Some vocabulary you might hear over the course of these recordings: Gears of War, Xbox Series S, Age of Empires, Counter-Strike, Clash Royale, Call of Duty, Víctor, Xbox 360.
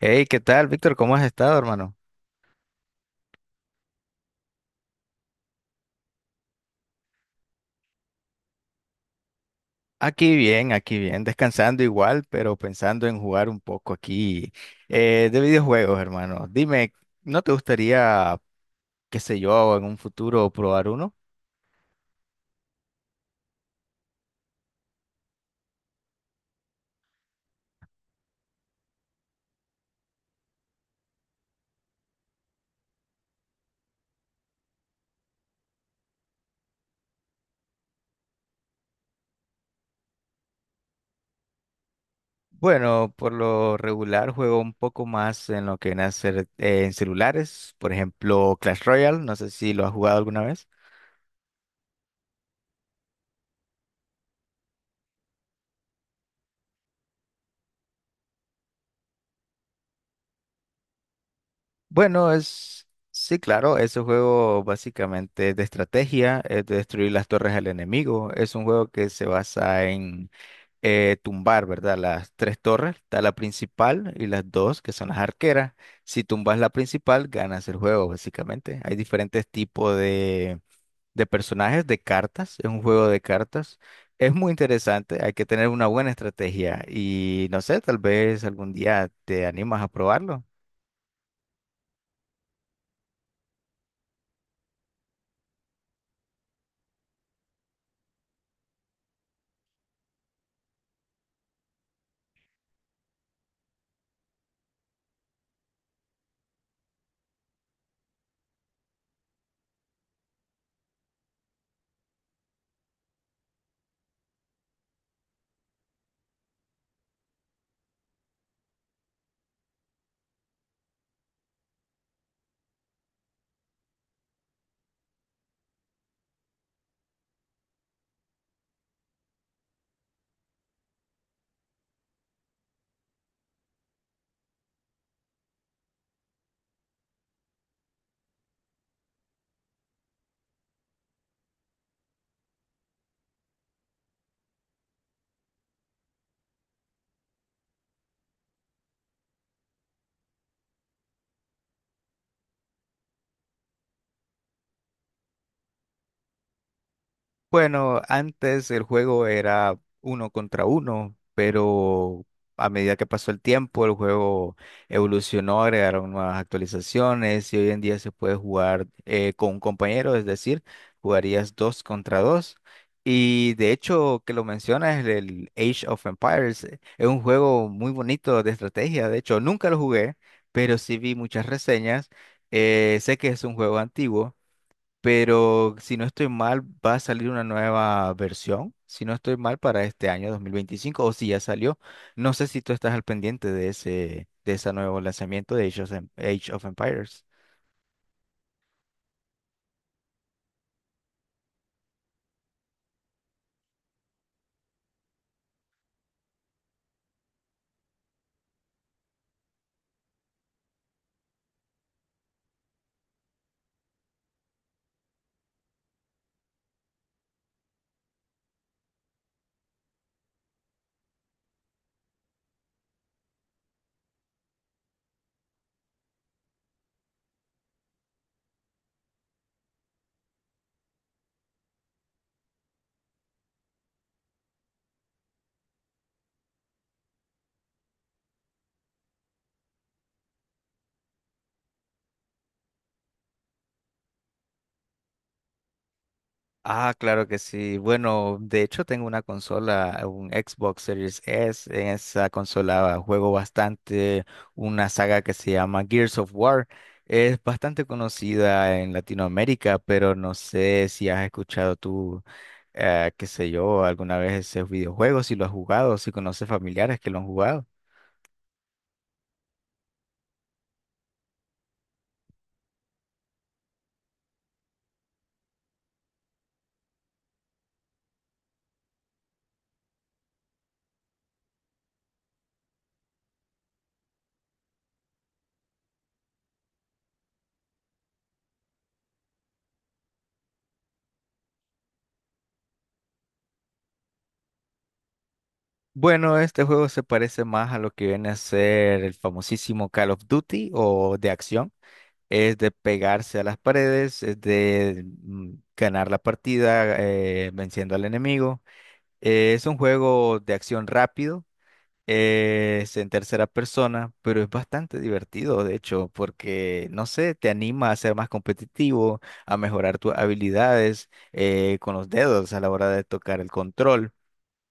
Hey, ¿qué tal, Víctor? ¿Cómo has estado, hermano? Aquí bien, descansando igual, pero pensando en jugar un poco aquí de videojuegos, hermano. Dime, ¿no te gustaría, qué sé yo, en un futuro probar uno? Bueno, por lo regular juego un poco más en lo que viene a ser en celulares, por ejemplo, Clash Royale, no sé si lo has jugado alguna vez. Bueno, sí, claro, es un juego básicamente de estrategia, es de destruir las torres al enemigo, es un juego que se basa en tumbar, ¿verdad? Las tres torres, está la principal y las dos que son las arqueras. Si tumbas la principal, ganas el juego, básicamente. Hay diferentes tipos de personajes, de cartas, es un juego de cartas. Es muy interesante, hay que tener una buena estrategia y no sé, tal vez algún día te animas a probarlo. Bueno, antes el juego era uno contra uno, pero a medida que pasó el tiempo, el juego evolucionó, agregaron nuevas actualizaciones y hoy en día se puede jugar con un compañero, es decir, jugarías dos contra dos. Y de hecho, que lo mencionas, el Age of Empires es un juego muy bonito de estrategia. De hecho, nunca lo jugué, pero sí vi muchas reseñas. Sé que es un juego antiguo pero si no estoy mal, va a salir una nueva versión, si no estoy mal, para este año 2025, o si ya salió. No sé si tú estás al pendiente de ese nuevo lanzamiento de Age of Empires. Ah, claro que sí. Bueno, de hecho tengo una consola, un Xbox Series S. En esa consola juego bastante una saga que se llama Gears of War. Es bastante conocida en Latinoamérica, pero no sé si has escuchado tú, qué sé yo, alguna vez ese videojuego, si lo has jugado, si conoces familiares que lo han jugado. Bueno, este juego se parece más a lo que viene a ser el famosísimo Call of Duty o de acción. Es de pegarse a las paredes, es de ganar la partida venciendo al enemigo. Es un juego de acción rápido, es en tercera persona, pero es bastante divertido, de hecho, porque, no sé, te anima a ser más competitivo, a mejorar tus habilidades con los dedos a la hora de tocar el control.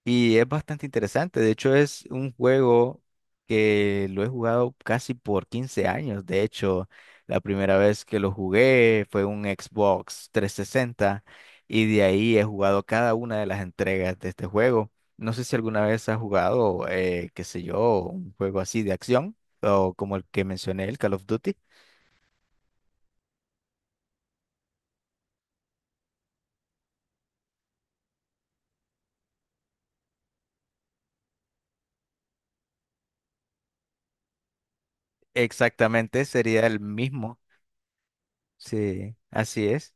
Y es bastante interesante. De hecho, es un juego que lo he jugado casi por 15 años. De hecho, la primera vez que lo jugué fue un Xbox 360 y de ahí he jugado cada una de las entregas de este juego. No sé si alguna vez has jugado, qué sé yo, un juego así de acción o como el que mencioné, el Call of Duty. Exactamente, sería el mismo. Sí, así es.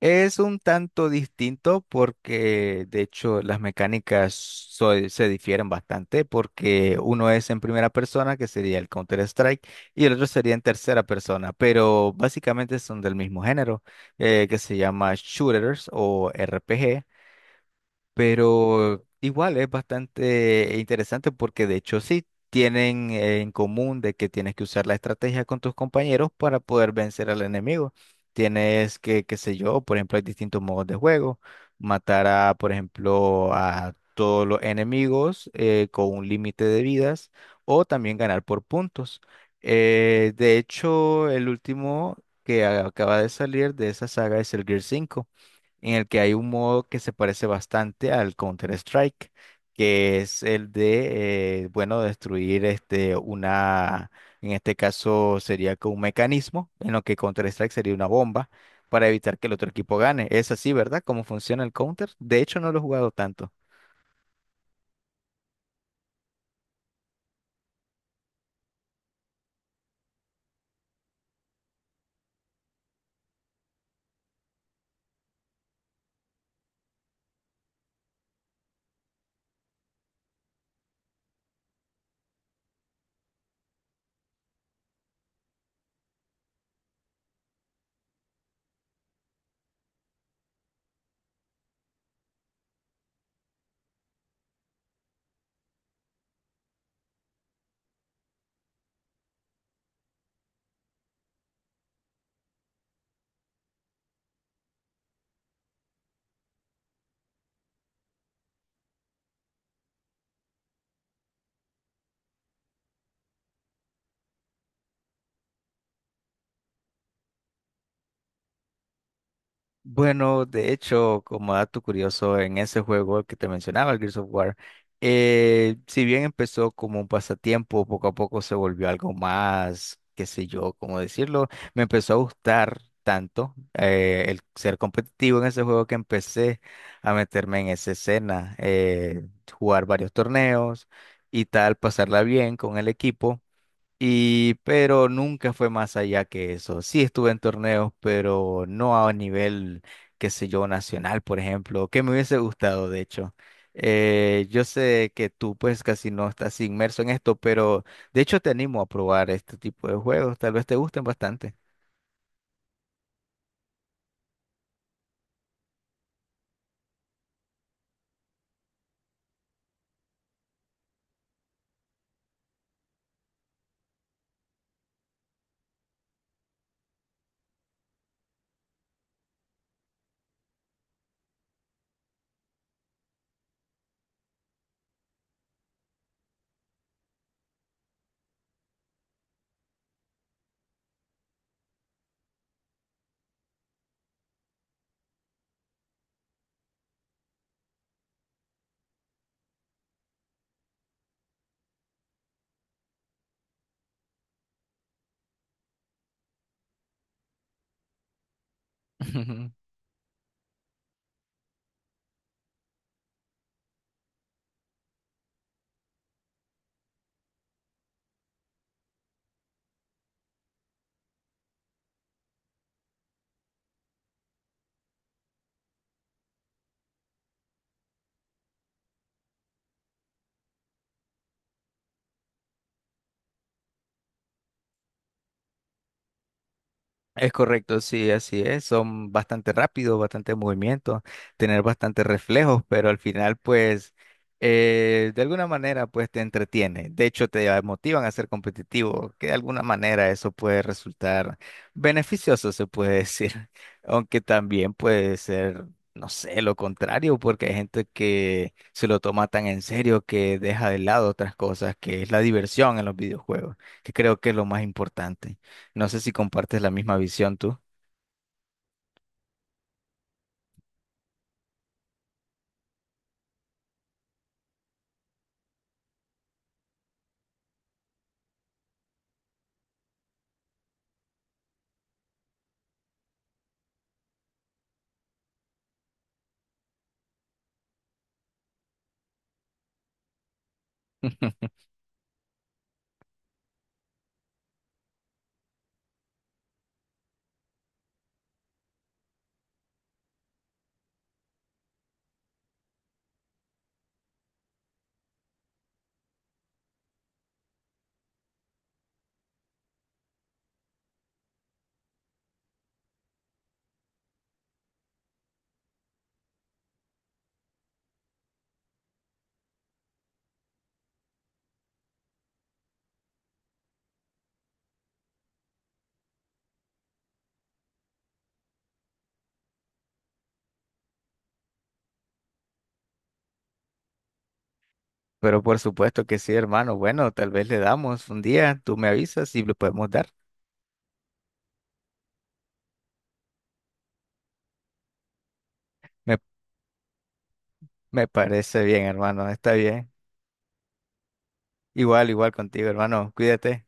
Es un tanto distinto porque, de hecho, las mecánicas se difieren bastante porque uno es en primera persona, que sería el Counter-Strike, y el otro sería en tercera persona, pero básicamente son del mismo género, que se llama shooters o RPG. Pero igual es bastante interesante porque de hecho sí tienen en común de que tienes que usar la estrategia con tus compañeros para poder vencer al enemigo. Tienes que, qué sé yo, por ejemplo, hay distintos modos de juego. Matar a, por ejemplo, a todos los enemigos con un límite de vidas o también ganar por puntos. De hecho, el último que acaba de salir de esa saga es el Gear 5 en el que hay un modo que se parece bastante al Counter-Strike, que es el de, bueno, destruir este, una, en este caso sería que un mecanismo, en lo que Counter-Strike sería una bomba para evitar que el otro equipo gane. Es así, ¿verdad? ¿Cómo funciona el Counter? De hecho, no lo he jugado tanto. Bueno, de hecho, como dato curioso, en ese juego que te mencionaba, el Gears of War, si bien empezó como un pasatiempo, poco a poco se volvió algo más, qué sé yo, cómo decirlo, me empezó a gustar tanto el ser competitivo en ese juego que empecé a meterme en esa escena, jugar varios torneos y tal, pasarla bien con el equipo. Y, pero nunca fue más allá que eso. Sí estuve en torneos, pero no a nivel, qué sé yo, nacional, por ejemplo, que me hubiese gustado, de hecho. Yo sé que tú pues casi no estás inmerso en esto, pero de hecho te animo a probar este tipo de juegos, tal vez te gusten bastante. Es correcto, sí, así es. Son bastante rápidos, bastante movimiento, tener bastante reflejos, pero al final, pues, de alguna manera, pues te entretiene. De hecho, te motivan a ser competitivo, que de alguna manera eso puede resultar beneficioso, se puede decir. Aunque también puede ser, no sé, lo contrario, porque hay gente que se lo toma tan en serio que deja de lado otras cosas, que es la diversión en los videojuegos, que creo que es lo más importante. No sé si compartes la misma visión tú. Pero por supuesto que sí, hermano. Bueno, tal vez le damos un día, tú me avisas y le podemos dar. Me, me parece bien, hermano, está bien. Igual, igual contigo, hermano. Cuídate.